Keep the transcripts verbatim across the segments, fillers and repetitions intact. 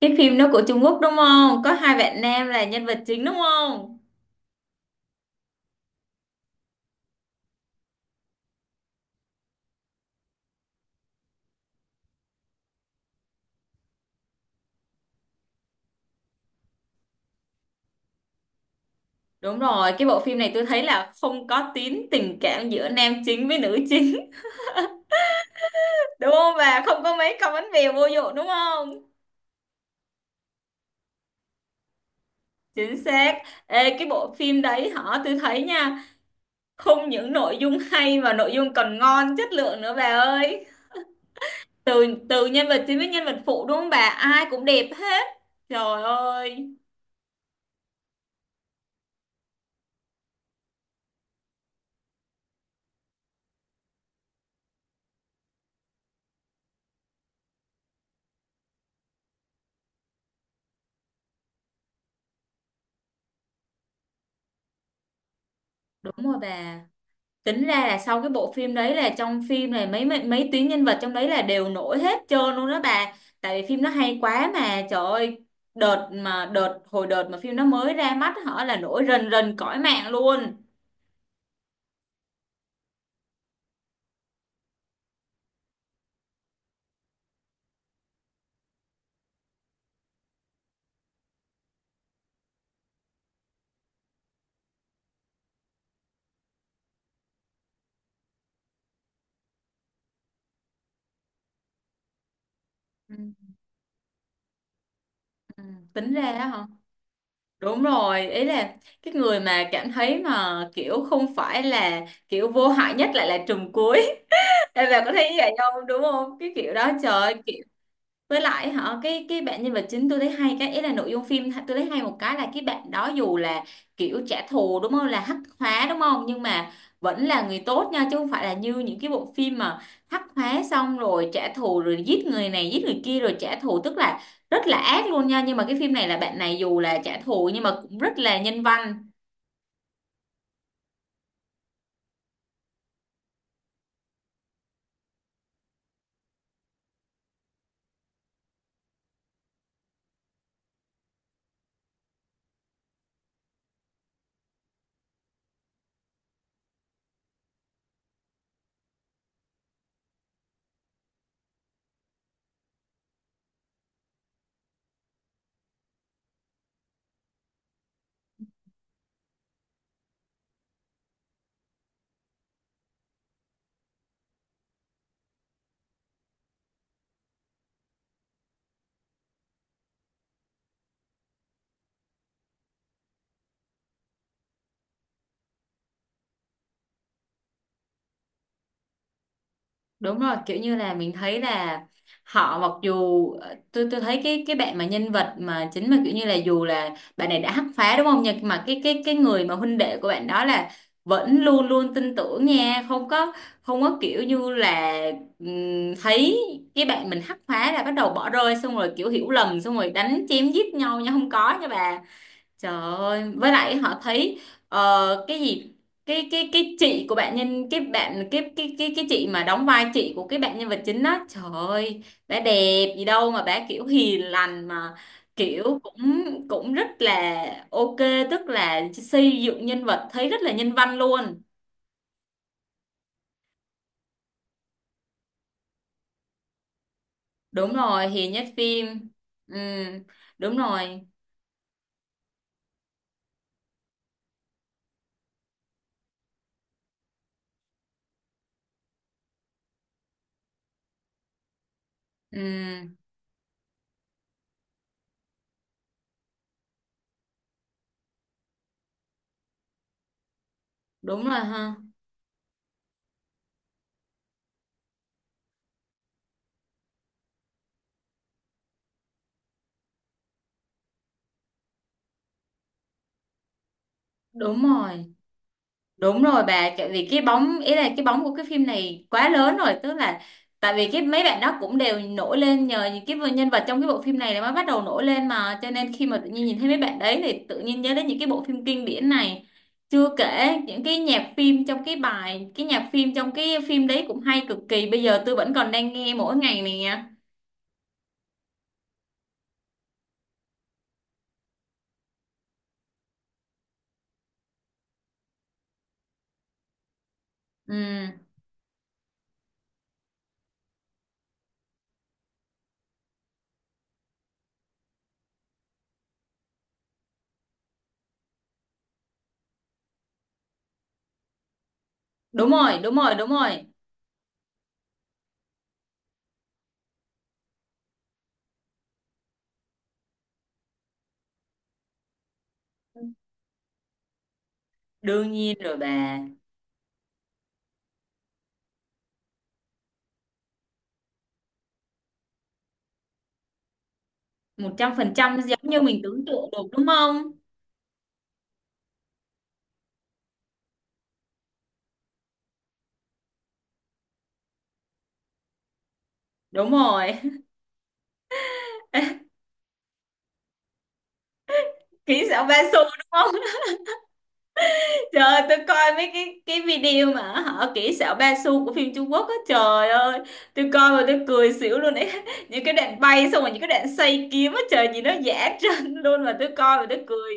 Cái phim nó của Trung Quốc đúng không? Có hai bạn nam là nhân vật chính đúng không? Đúng rồi, cái bộ phim này tôi thấy là không có tín tình cảm giữa nam chính với nữ chính. Đúng không? Và không có mấy cặp bánh bèo vô dụng đúng không? Chính xác. Ê, cái bộ phim đấy hả? Tôi thấy nha, không những nội dung hay mà nội dung còn ngon, chất lượng nữa bà ơi. Từ từ nhân vật chính với nhân vật phụ đúng không bà? Ai cũng đẹp hết. Trời ơi, đúng rồi bà. Tính ra là sau cái bộ phim đấy là trong phim này mấy mấy, mấy tuyến nhân vật trong đấy là đều nổi hết trơn luôn đó bà, tại vì phim nó hay quá mà trời ơi, đợt mà đợt hồi đợt mà phim nó mới ra mắt họ là nổi rần rần cõi mạng luôn. Ừ. Ừ, tính ra đó hả, đúng rồi, ý là cái người mà cảm thấy mà kiểu không phải là kiểu vô hại nhất lại là trùm cuối. Em bà có thấy như vậy không, đúng không? Cái kiểu đó trời ơi, với lại họ, cái cái bạn nhân vật chính tôi thấy hay cái ý là nội dung phim tôi thấy hay một cái là cái bạn đó dù là kiểu trả thù đúng không, là hắc hóa đúng không, nhưng mà vẫn là người tốt nha, chứ không phải là như những cái bộ phim mà hắc hóa xong rồi trả thù rồi giết người này giết người kia rồi trả thù, tức là rất là ác luôn nha, nhưng mà cái phim này là bạn này dù là trả thù nhưng mà cũng rất là nhân văn. Đúng rồi, kiểu như là mình thấy là họ mặc dù ờ, tôi tôi thấy cái cái bạn mà nhân vật mà chính mà kiểu như là dù là bạn này đã hắc phá đúng không, nhưng mà cái cái cái người mà huynh đệ của bạn đó là vẫn luôn luôn tin tưởng nha, không có, không có kiểu như là ừm, thấy cái bạn mình hắc phá là bắt đầu bỏ rơi xong rồi kiểu hiểu lầm xong rồi đánh chém giết nhau nha, không có nha bà. Trời ơi, với lại họ thấy ờ, cái gì, cái cái cái chị của bạn nhân cái bạn cái cái cái cái chị mà đóng vai chị của cái bạn nhân vật chính đó, trời ơi bà đẹp gì đâu, mà bà kiểu hiền lành mà kiểu cũng cũng rất là ok, tức là xây dựng nhân vật thấy rất là nhân văn luôn. Đúng rồi, hiền nhất phim. Ừ, đúng rồi. Ừ, đúng rồi ha, đúng rồi. Đúng rồi bà, tại vì cái bóng, ý là cái bóng của cái phim này quá lớn rồi, tức là tại vì cái mấy bạn đó cũng đều nổi lên nhờ những cái nhân vật trong cái bộ phim này là mới bắt đầu nổi lên, mà cho nên khi mà tự nhiên nhìn thấy mấy bạn đấy thì tự nhiên nhớ đến những cái bộ phim kinh điển này. Chưa kể những cái nhạc phim trong cái bài, cái nhạc phim trong cái phim đấy cũng hay cực kỳ, bây giờ tôi vẫn còn đang nghe mỗi ngày nè. Ừ, đúng rồi, đúng rồi, đúng rồi. Đương nhiên rồi bà. Một trăm phần trăm giống như mình tưởng tượng được đúng không? Đúng rồi. Kỹ xảo ba xu đúng không? Trời ơi, tôi coi mấy cái cái video mà họ kỹ xảo ba xu của phim Trung Quốc á, trời ơi tôi coi mà tôi cười xỉu luôn ấy. Những cái đoạn bay xong rồi những cái đoạn xoay kiếm á trời, nhìn nó giả trân luôn, mà tôi coi mà tôi cười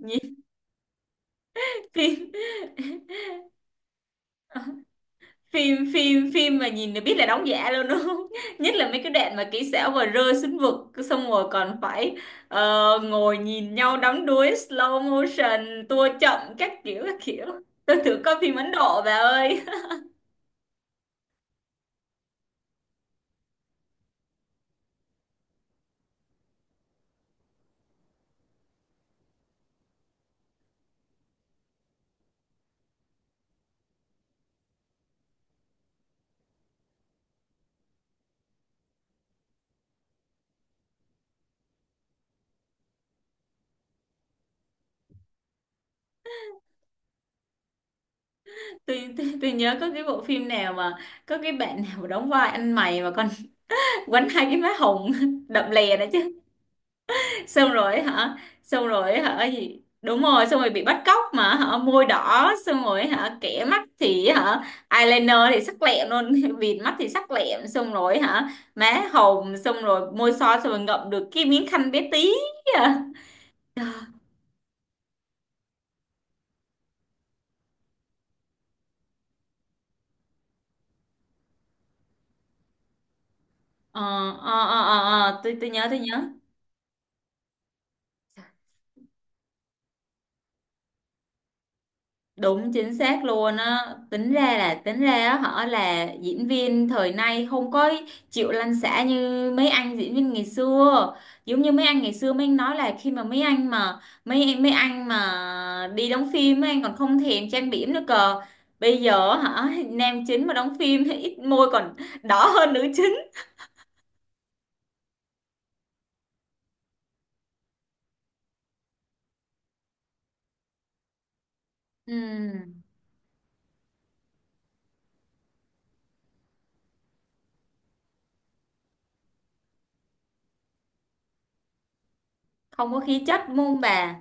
nhìn. phim phim phim phim mà nhìn là biết là đóng giả luôn đúng không? Nhất là mấy cái đoạn mà kỹ xảo mà rơi xuống vực xong rồi còn phải ờ, ngồi nhìn nhau đắm đuối, slow motion tua chậm các kiểu các kiểu. Tôi thử coi phim Ấn Độ bà ơi. Tôi, tôi, tôi nhớ có cái bộ phim nào mà có cái bạn nào đóng vai anh mày mà còn quánh hai cái má hồng đậm lè đó chứ. Xong rồi hả, xong rồi hả gì, đúng rồi, xong rồi bị bắt cóc mà hả, môi đỏ xong rồi hả, kẻ mắt thì hả eyeliner thì sắc lẹm luôn. Bịt mắt thì sắc lẹm xong rồi hả, má hồng xong rồi môi son xong rồi ngậm được cái miếng khăn bé tí. À. ờ ờ ờ ờ ờ, ờ, tôi tôi nhớ tôi nhớ. Đúng chính xác luôn á. Tính ra là tính ra á họ là diễn viên thời nay không có chịu lăn xả như mấy anh diễn viên ngày xưa. Giống như mấy anh ngày xưa mấy anh nói là khi mà mấy anh mà mấy em mấy anh mà đi đóng phim mấy anh còn không thèm trang điểm nữa cơ. Bây giờ hả nam chính mà đóng phim thì ít môi còn đỏ hơn nữ chính. Ừ. Không có khí chất đúng không bà?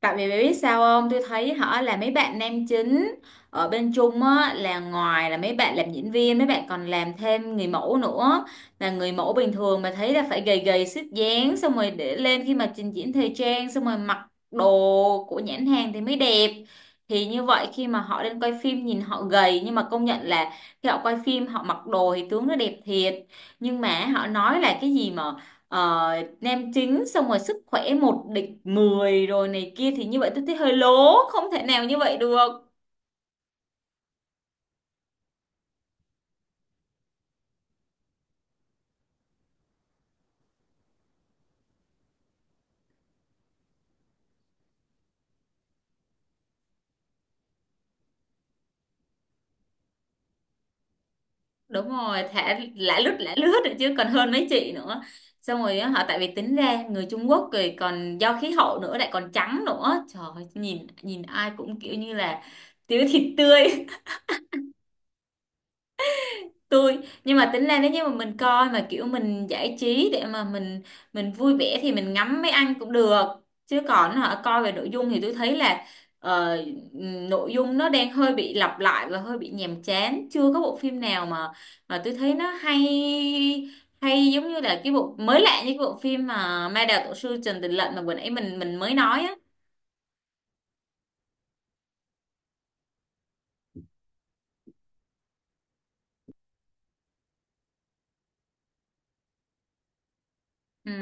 Tại vì biết sao không? Tôi thấy họ là mấy bạn nam chính ở bên Trung á, là ngoài là mấy bạn làm diễn viên, mấy bạn còn làm thêm người mẫu nữa. Là người mẫu bình thường mà thấy là phải gầy gầy xích dáng xong rồi để lên khi mà trình diễn thời trang xong rồi mặc đồ của nhãn hàng thì mới đẹp. Thì như vậy khi mà họ lên quay phim nhìn họ gầy nhưng mà công nhận là khi họ quay phim họ mặc đồ thì tướng nó đẹp thiệt. Nhưng mà họ nói là cái gì mà ờ, nem chính xong rồi sức khỏe một địch mười rồi này kia, thì như vậy tôi thấy hơi lố, không thể nào như vậy được. Đúng rồi, thả lả lướt lả lướt rồi, chứ còn hơn mấy chị nữa. Xong rồi á, họ tại vì tính ra người Trung Quốc rồi còn do khí hậu nữa, lại còn trắng nữa, trời ơi, nhìn nhìn ai cũng kiểu như là thiếu thịt tươi. tôi nhưng mà tính ra nếu như mà mình coi mà kiểu mình giải trí để mà mình mình vui vẻ thì mình ngắm mấy anh cũng được, chứ còn họ coi về nội dung thì tôi thấy là ờ, nội dung nó đang hơi bị lặp lại và hơi bị nhàm chán, chưa có bộ phim nào mà mà tôi thấy nó hay, hay giống như là cái bộ mới lạ như cái bộ phim mà Ma Đào Tổ Sư Trần Tình Lệnh mà bữa nãy mình mình mới nói á. Ừ,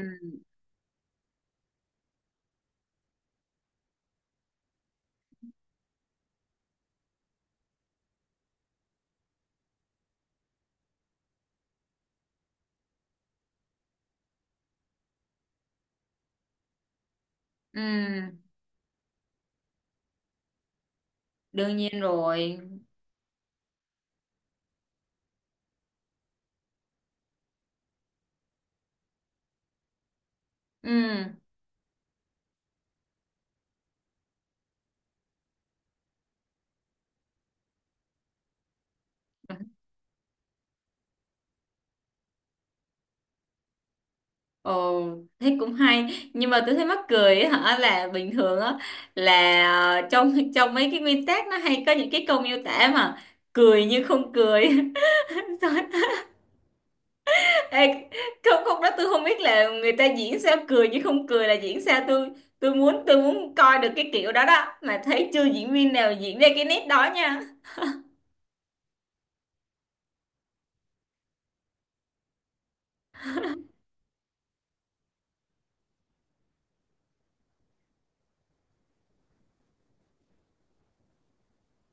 ừ, đương nhiên rồi. Ừ. Ồ, thế cũng hay, nhưng mà tôi thấy mắc cười ấy, hả, là bình thường á, là ờ, trong trong mấy cái nguyên tắc nó hay có những cái câu miêu tả mà cười như không cười. Sao- Ê, không không đó, tôi không biết là người ta diễn sao, cười như không cười là diễn sao, tôi tôi muốn tôi muốn coi được cái kiểu đó đó mà thấy chưa diễn viên nào diễn ra cái nét đó nha.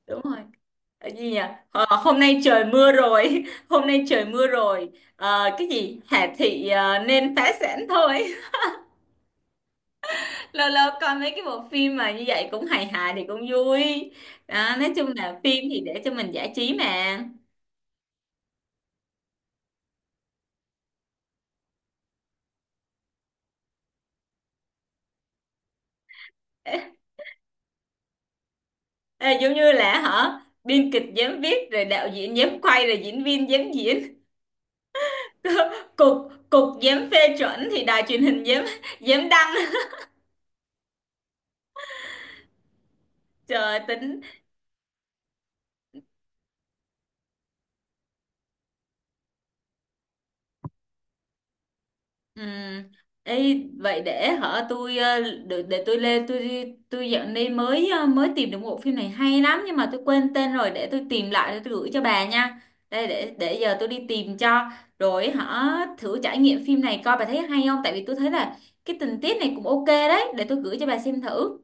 Đúng rồi. Ờ, gì nhỉ? Ờ, hôm nay trời mưa rồi. Hôm nay trời mưa rồi. Ờ, cái gì Hà Thị ờ, nên phá sản thôi. Lâu lâu coi mấy cái bộ phim mà như vậy cũng hài hài thì cũng vui. Đó, nói chung là phim thì để cho mình giải trí mà. Ê, ê, giống như là hả, biên kịch dám viết rồi đạo diễn dám quay rồi diễn viên dám diễn, cục cục dám phê chuẩn thì đài truyền hình dám, dám đăng. Trời tính. Ừ. Ê, vậy để hả tôi ờ, để, để tôi lên tôi tôi dạo này mới ờ, mới tìm được một phim này hay lắm nhưng mà tôi quên tên rồi, để tôi tìm lại để tôi gửi cho bà nha. Đây, để để giờ tôi đi tìm cho. Rồi hả, thử trải nghiệm phim này coi bà thấy hay không, tại vì tôi thấy là cái tình tiết này cũng ok đấy, để tôi gửi cho bà xem thử.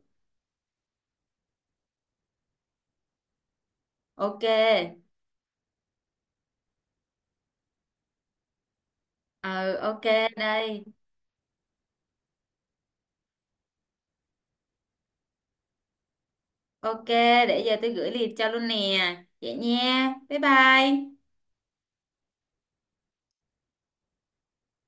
Ok. Ừ, ok. Đây. Ok, để giờ tôi gửi liền cho luôn nè. Vậy nha, bye bye.